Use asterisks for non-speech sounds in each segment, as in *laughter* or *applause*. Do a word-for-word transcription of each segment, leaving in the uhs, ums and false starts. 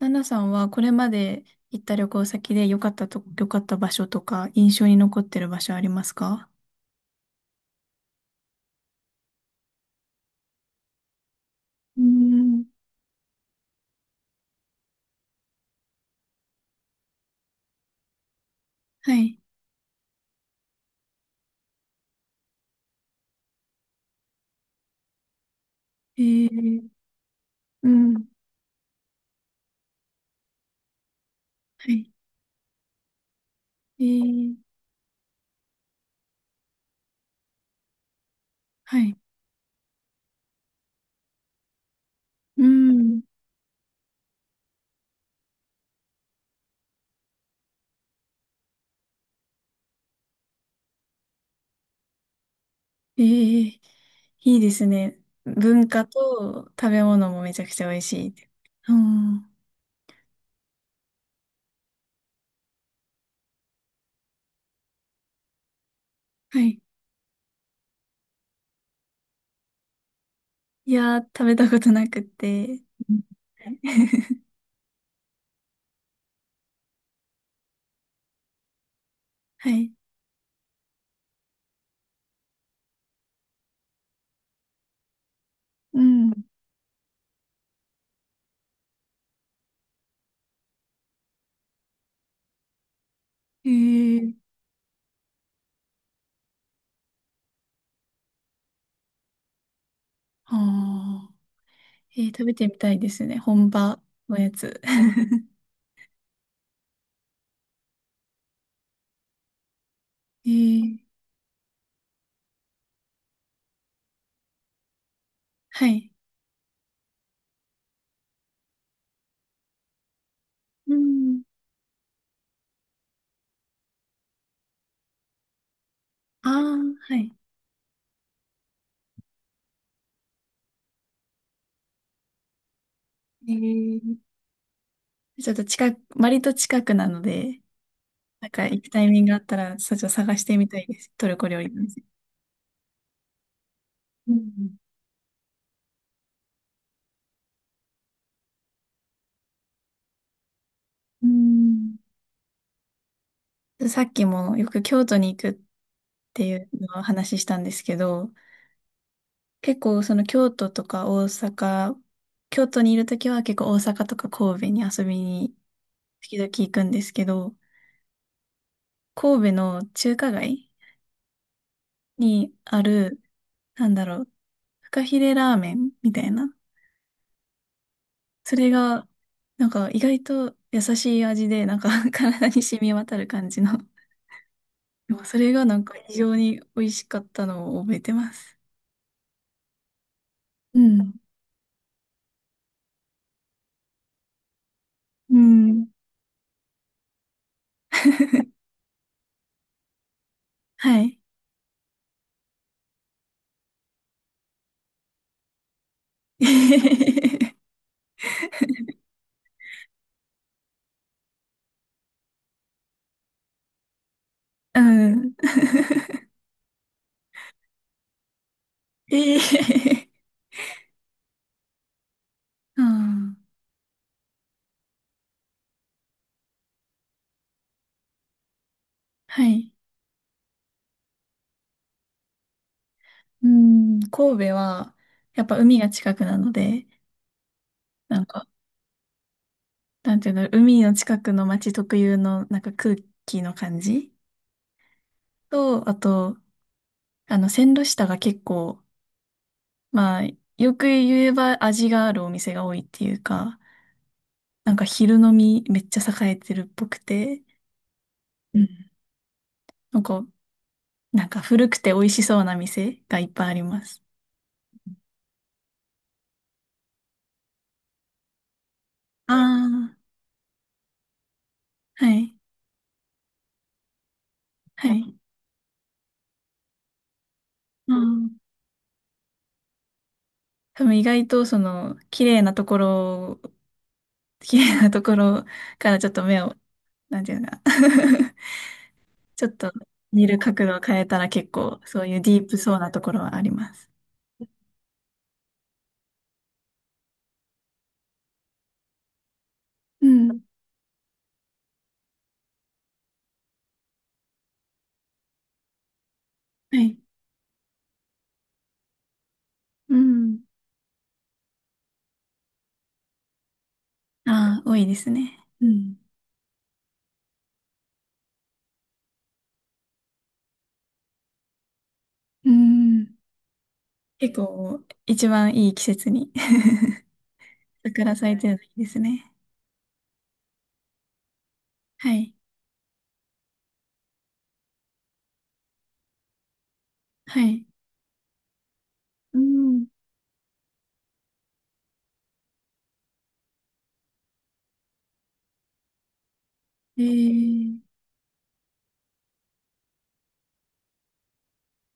ナナさんはこれまで行った旅行先で良かったと、良かった場所とか印象に残ってる場所ありますか？うーん、はい。えー、うん。はい。えー、はい。うん。えー、いいですね。文化と食べ物もめちゃくちゃ美味しい。うん。はい。いやー、食べたことなくって。うん。 *laughs* はい。うん。えー、はあ。えー、食べてみたいですね、本場のやつ。*laughs* えー、はい。うん。ああ、はい。えー、ちょっと近く、割と近くなので、なんか行くタイミングがあったら、そっちを探してみたいです。トルコ料理なんです。うん。うん。さっきもよく京都に行くっていうのをお話ししたんですけど、結構その京都とか大阪、京都にいるときは結構大阪とか神戸に遊びに時々行くんですけど、神戸の中華街にあるなんだろう、フカヒレラーメンみたいな。それが、なんか意外と優しい味で、なんか *laughs* 体に染み渡る感じの。でもそれがなんか非常に美味しかったのを覚えてます。うん。うん。*laughs* はい。*laughs* うん。ええ。うん。はい。うん。神戸は、やっぱ海が近くなので、なんか、なんていうの、海の近くの街特有の、なんか空気の感じと、あと、あの、線路下が結構、まあ、よく言えば味があるお店が多いっていうか、なんか昼飲みめっちゃ栄えてるっぽくて、うん。なんか、なんか古くて美味しそうな店がいっぱいあります。ああ、はい。はい。うん。多分意外とその、綺麗なところ、*laughs* 綺麗なところからちょっと目を、なんていうのかな、 *laughs* ちょっと見る角度を変えたら結構そういうディープそうなところはあります。うん。はい。うん。ああ、多いですね。うん。うん。結構、一番いい季節に *laughs* 桜咲いてるのいいですね。はい。はい。うん。えー、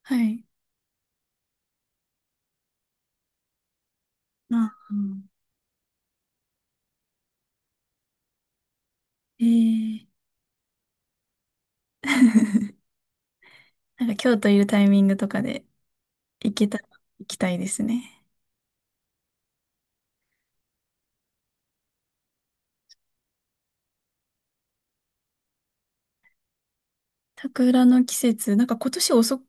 はい。ああ、えー、*laughs* なんか京都いるタイミングとかで行けたら行きたいですね。桜の季節、なんか今年遅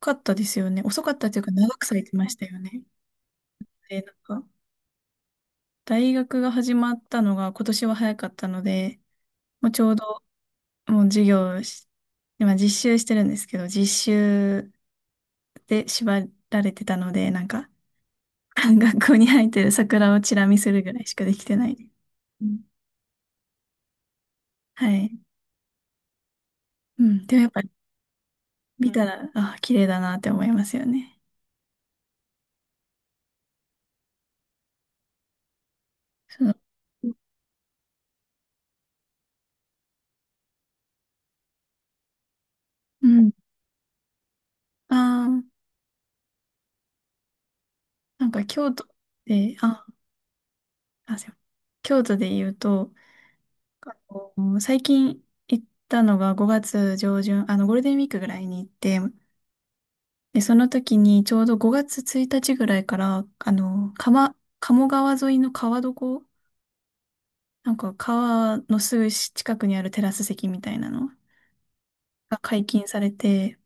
かったですよね。遅かったというか長く咲いてましたよね。で、なんか大学が始まったのが今年は早かったので、もうちょうどもう授業をし、今実習してるんですけど、実習で縛られてたので、なんか、*laughs* 学校に生えてる桜をチラ見するぐらいしかできてないです。うん。はい。うん。でもやっぱ見たら、あ、綺麗だなって思いますよね。その、うん。ああ、なんか京都で、あ、あ、すいません。京都で言うと、あの最近行ったのがごがつ上旬、あの、ゴールデンウィークぐらいに行って、で、その時にちょうどごがつついたちぐらいから、あの、鎌、鴨川沿いの川床、なんか川のすぐ近くにあるテラス席みたいなのが解禁されて、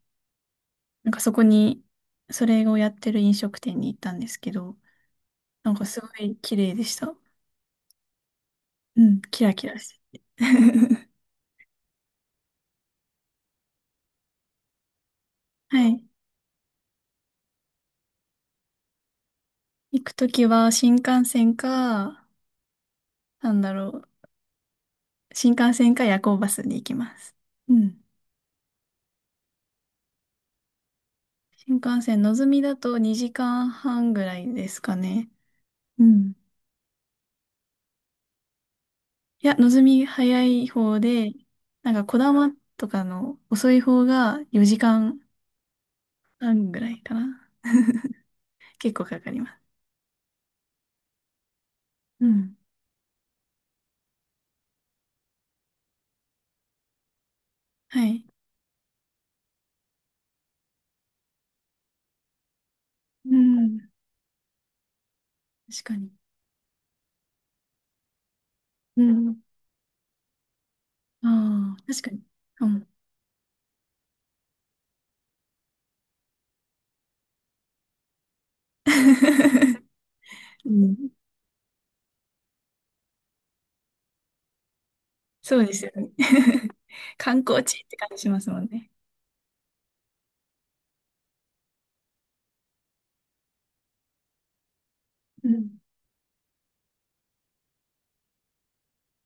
なんかそこに、それをやってる飲食店に行ったんですけど、なんかすごい綺麗でした。うん、キラキラしてて。*laughs* はい。行く時は新幹線か、なんだろう、新幹線か夜行バスで行きます。うん。新幹線、のぞみだとにじかんはんぐらいですかね。うん。いや、のぞみ早い方で、なんか、こだまとかの遅い方がよじかんはんぐらいかな。結構かかります。うん。はい。うん。確かに。うん。ああ、確かに。うん。*laughs* うん。*laughs* そうですよね。*laughs* 観光地って感じしますもんね。うん。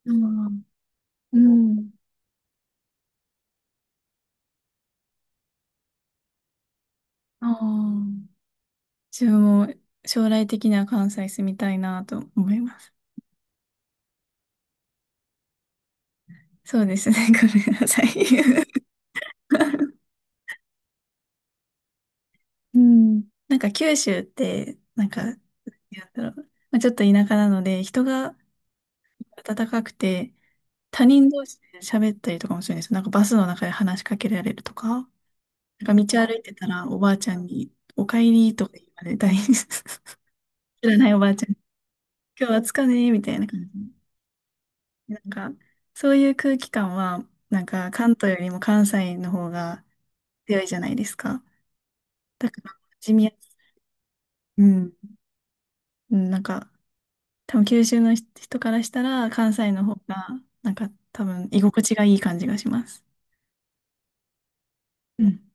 うん。うん。ああ。自分も将来的には関西住みたいなと思います。そうですね。*laughs* ごめんなさい。うん。なんか九州って、なんか、なんだろう。まあ、ちょっと田舎なので、人が温かくて、他人同士で喋ったりとかもするんですよ。なんかバスの中で話しかけられるとか、なんか道歩いてたらおばあちゃんに、お帰りとか言われたり、*laughs* 知らないおばあちゃんに、今日は暑かねみたいな感じ。なんか、そういう空気感は、なんか、関東よりも関西の方が強いじゃないですか。だから、地味やす、うん。うん。なんか、多分九州の人人からしたら、関西の方が、なんか、多分、居心地がいい感じがします。うん